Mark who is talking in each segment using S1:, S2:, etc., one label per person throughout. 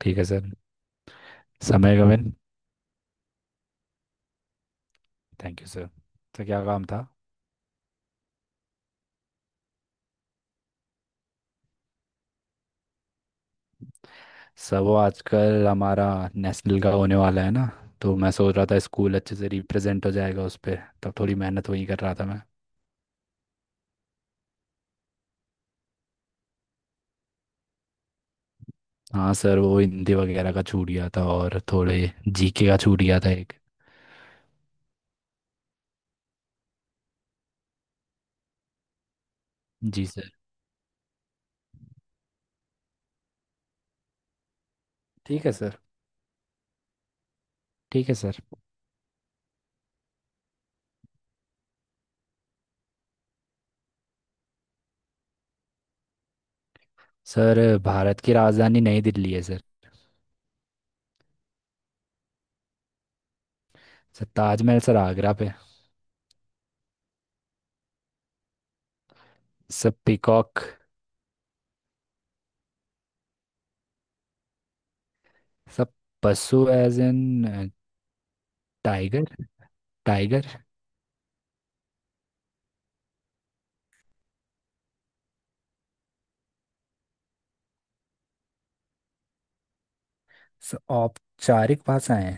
S1: ठीक है सर। समय गगन। Thank you sir. तो क्या काम था। सर वो आजकल हमारा नेशनल का होने वाला है ना, तो मैं सोच रहा था स्कूल अच्छे से रिप्रेजेंट हो जाएगा उस पर, तब थोड़ी मेहनत वही कर रहा था मैं। हाँ सर, वो हिंदी वगैरह का छूट गया था और थोड़े जीके का छूट गया था एक। जी सर। ठीक है सर। ठीक है सर। सर भारत की राजधानी नई दिल्ली है sir. Sir Taj Mahal sir Agra पे। सब पीकॉक। सब पशु एज इन। टाइगर। टाइगर। सर औपचारिक भाषाएं,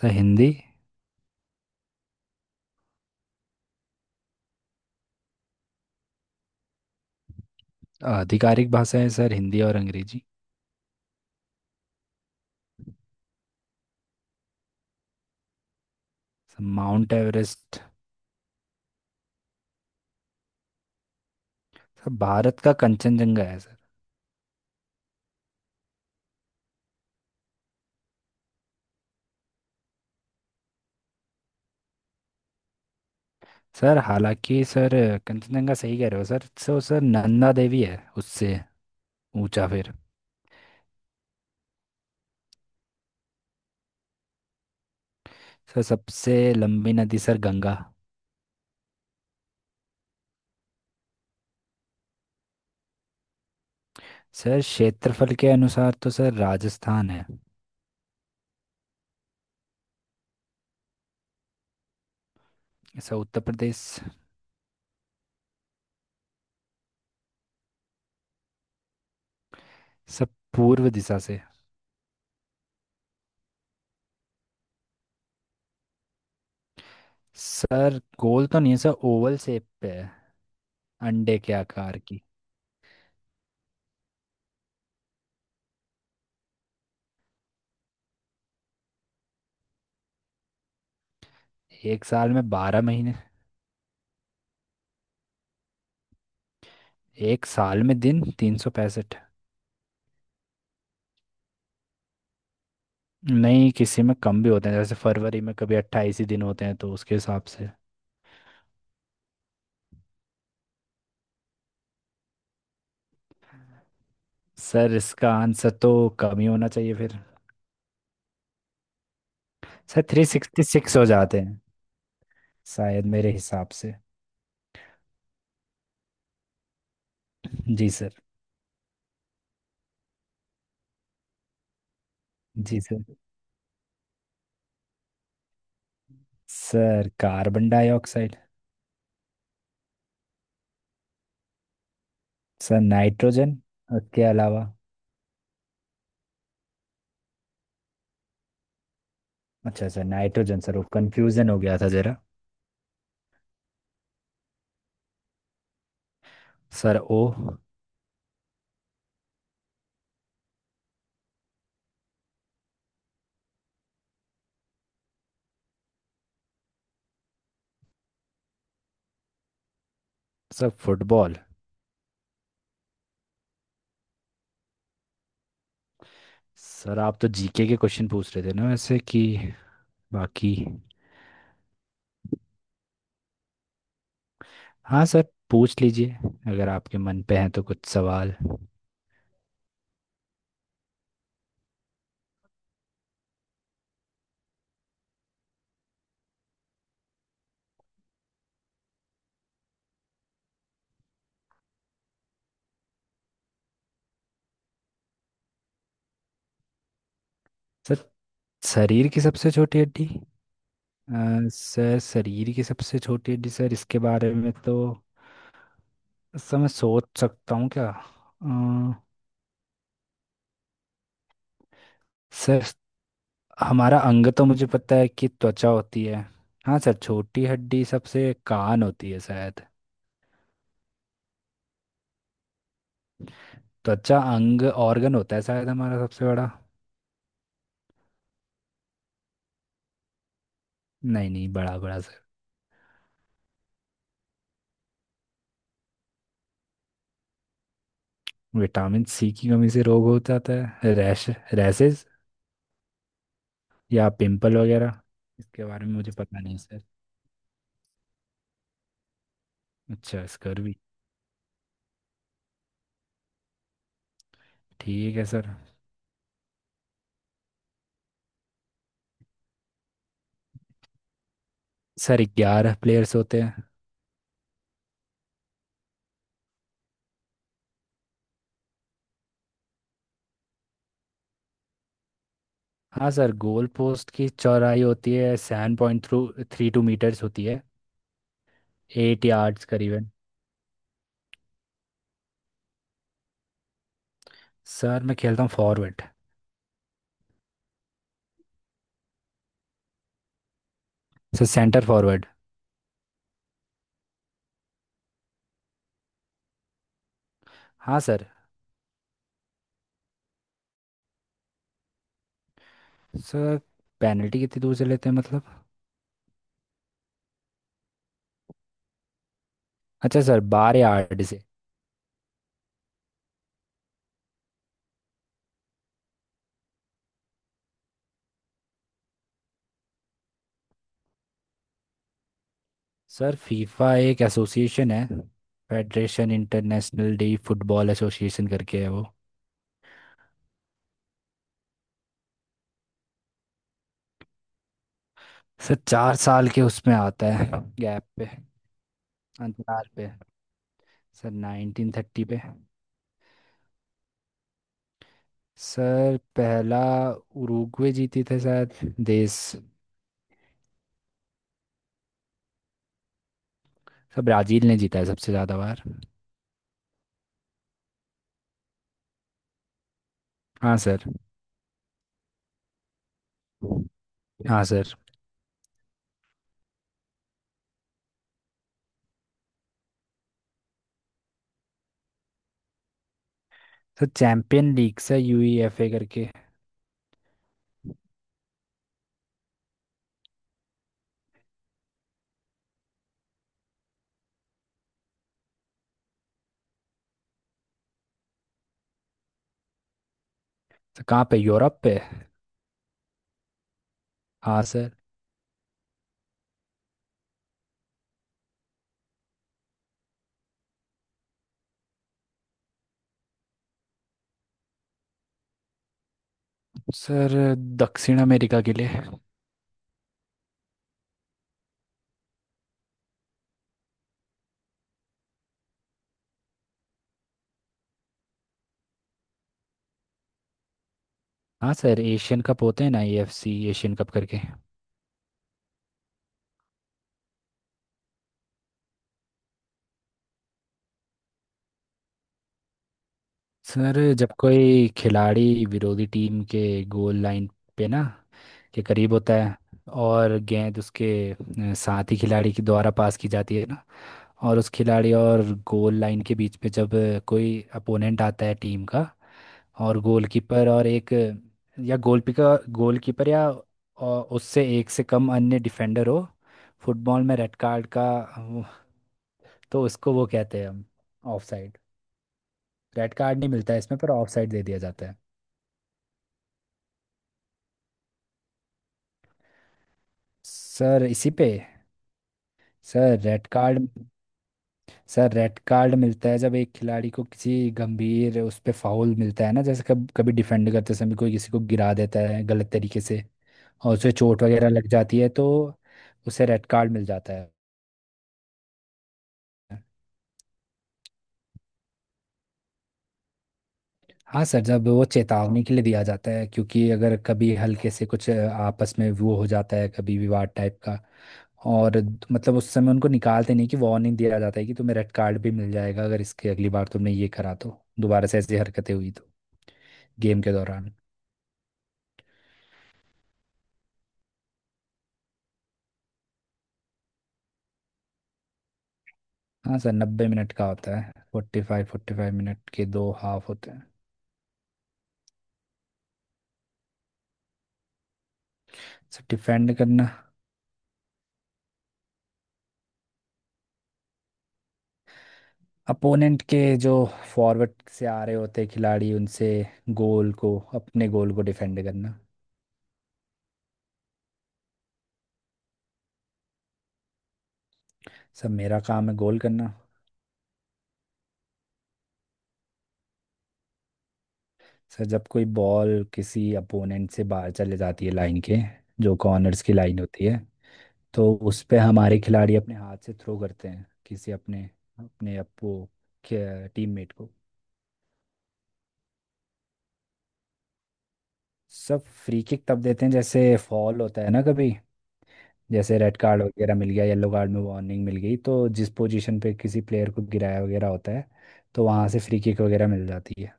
S1: सर हिंदी। आधिकारिक भाषाएं सर हिंदी और Angrezi. Sir Mount Everest. Sir Bharat का कंचनजंगा है सर। सर हालांकि सर कंचनजंगा सही कह रहे हो sir, so sir Nanda Devi है उससे ऊंचा फिर। सर सबसे लंबी नदी सर गंगा। सर क्षेत्रफल के अनुसार तो सर राजस्थान है। सर उत्तर प्रदेश। सर पूर्व दिशा से। सर गोल तो नहीं है सर, ओवल शेप पे है। अंडे के आकार की। एक साल में 12 महीने। एक साल में दिन 365। नहीं, किसी में कम भी होते हैं, जैसे फरवरी में कभी 28 ही दिन होते हैं तो उसके हिसाब से। सर इसका आंसर तो कम ही होना चाहिए फिर। सर 366 हो जाते हैं शायद, मेरे हिसाब से। जी सर। जी sir. Sir carbon dioxide. Sir nitrogen. उसके अलावा। अच्छा सर नाइट्रोजन, सर वो कंफ्यूजन हो गया था जरा। सर ओ। Sir football. सर आप तो जीके के क्वेश्चन पूछ रहे थे ना वैसे कि, बाकी। हाँ सर, पूछ लीजिए अगर आपके मन पे हैं तो कुछ सवाल। सर शरीर की सबसे छोटी हड्डी। सर शरीर की सबसे छोटी हड्डी सर, इसके बारे में तो सर मैं सोच सकता हूँ क्या। अ, सर हमारा अंग तो मुझे पता है कि त्वचा होती है। हाँ सर, छोटी हड्डी सबसे कान होती है शायद। त्वचा अंग ऑर्गन होता है शायद हमारा सबसे बड़ा। नहीं नहीं, बड़ा बड़ा सर। विटामिन सी की कमी से रोग हो जाता है, रैश, रैशेज या पिंपल वगैरह। इसके बारे में मुझे पता नहीं सर। अच्छा स्कर भी। ठीक है सर। सर 11 प्लेयर्स होते हैं। हाँ सर, गोल पोस्ट की चौड़ाई होती है 7.32 मीटर्स होती है, 8 यार्ड्स करीबन। सर मैं खेलता हूँ फॉरवर्ड। Sir centre forward. हाँ सर। सर पेनल्टी कितनी दूर से लेते हैं मतलब। अच्छा सर 12 यार्ड से। सर फीफा एक एसोसिएशन है, federation international de football association करके है वो। सर 4 साल के उसमें आता है, गैप पे, अंतराल पे। सर 1930 पे। सर पहला उरुग्वे जीती थे शायद, देश। सर ब्राजील ने जीता है सबसे ज़्यादा बार। हाँ सर। हाँ sir. Sir champion league sir, UEFA करके। सर कहाँ पे, यूरोप पे? हाँ सर। सर दक्षिण अमेरिका के लिए। हाँ सर, एशियन कप होते हैं ना एएफसी एशियन कप करके। सर जब कोई खिलाड़ी विरोधी टीम के गोल लाइन पे ना के करीब होता है, और गेंद उसके साथी खिलाड़ी के द्वारा पास की जाती है ना, और उस खिलाड़ी और गोल लाइन के बीच पे जब कोई अपोनेंट आता है टीम का, और गोलकीपर और एक या गोलकीपर गोलकीपर या अ, उससे एक से कम अन्य डिफेंडर हो। फुटबॉल में रेड कार्ड का अ, वो- तो उसको वो कहते हैं हम ऑफ साइड। रेड कार्ड नहीं मिलता है इसमें, पर ऑफ साइड दे दिया जाता है। सर इसी पे। Sir red card. Sir red card मिलता है जब एक खिलाड़ी को किसी गंभीर उस पे फाउल मिलता है ना, जैसे कब कभी डिफेंड करते समय कोई किसी को गिरा देता है गलत तरीके से, और उसे चोट वगैरह लग जाती है, तो उसे रेड कार्ड मिल जाता है। हाँ सर, जब वो चेतावनी के लिए दिया जाता है क्योंकि अगर कभी हल्के से कुछ आपस में वो हो जाता है कभी विवाद टाइप का, और मतलब उस समय उनको निकालते नहीं कि वार्निंग दिया जाता है कि तुम्हें रेड कार्ड भी मिल जाएगा अगर इसके अगली बार तुमने ये करा तो, दोबारा से ऐसी हरकतें हुई तो, गेम के दौरान। हाँ सर, 90 मिनट का होता है, 45-45 मिनट के 2 हाफ होते हैं। सर डिफेंड करना। अपोनेंट के जो फॉरवर्ड से आ रहे होते हैं खिलाड़ी, उनसे गोल को, अपने गोल को डिफेंड करना। सर मेरा काम है गोल करना। सर जब कोई बॉल किसी अपोनेंट से बाहर चले जाती है लाइन के, जो कॉर्नर्स की लाइन होती है, तो उस पे हमारे खिलाड़ी अपने हाथ से थ्रो करते हैं किसी अपने, अपने अपो टीममेट को। सब फ्री किक तब देते हैं जैसे फॉल होता है ना कभी, जैसे रेड कार्ड वगैरह मिल गया, येलो कार्ड में वार्निंग मिल गई, तो जिस पोजीशन पे किसी प्लेयर को गिराया वगैरह होता है तो वहां से फ्री किक वगैरह मिल जाती है।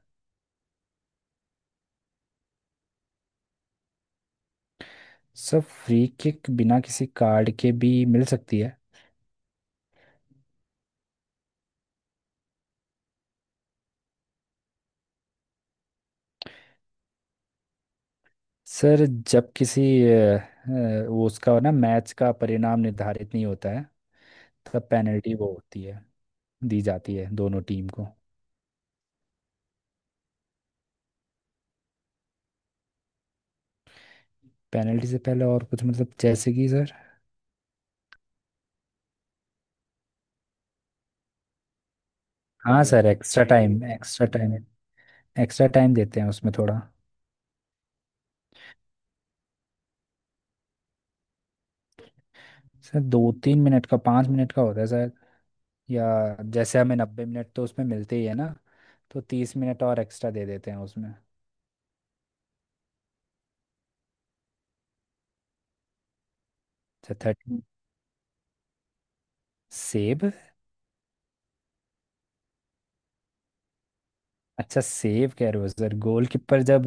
S1: सब फ्री किक बिना किसी कार्ड के भी मिल सकती है। सर जब किसी वो उसका ना मैच का परिणाम निर्धारित नहीं होता है, तब पेनल्टी वो होती है, दी जाती है दोनों टीम को। पेनल्टी से पहले और कुछ मतलब जैसे कि सर। हाँ sir, extra time, extra time extra time देते हैं उसमें थोड़ा। सर 2-3 मिनट का, 5 मिनट का होता है सर, या जैसे हमें 90 मिनट तो उसमें मिलते ही है ना, तो 30 मिनट और एक्स्ट्रा दे देते हैं उसमें। अच्छा 30। सेव। अच्छा सेव कह रहे हो सर, गोलकीपर जब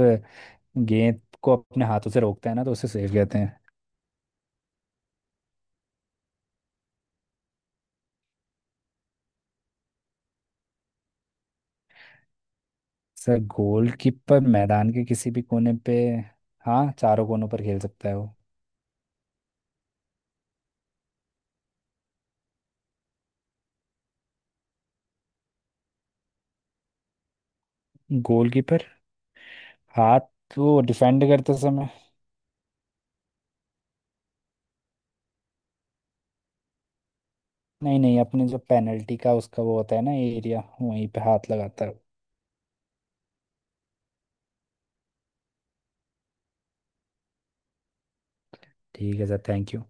S1: गेंद को अपने हाथों से रोकता है ना, तो उसे सेव कहते हैं। सर गोलकीपर मैदान के किसी भी कोने पे, हाँ, चारों कोनों पर खेल सकता है वो। गोलकीपर हाथ वो डिफेंड करते समय। नहीं नहीं, अपने जो पेनल्टी का उसका वो होता है ना एरिया, वहीं पे हाथ लगाता है। ठीक है सर, थैंक यू।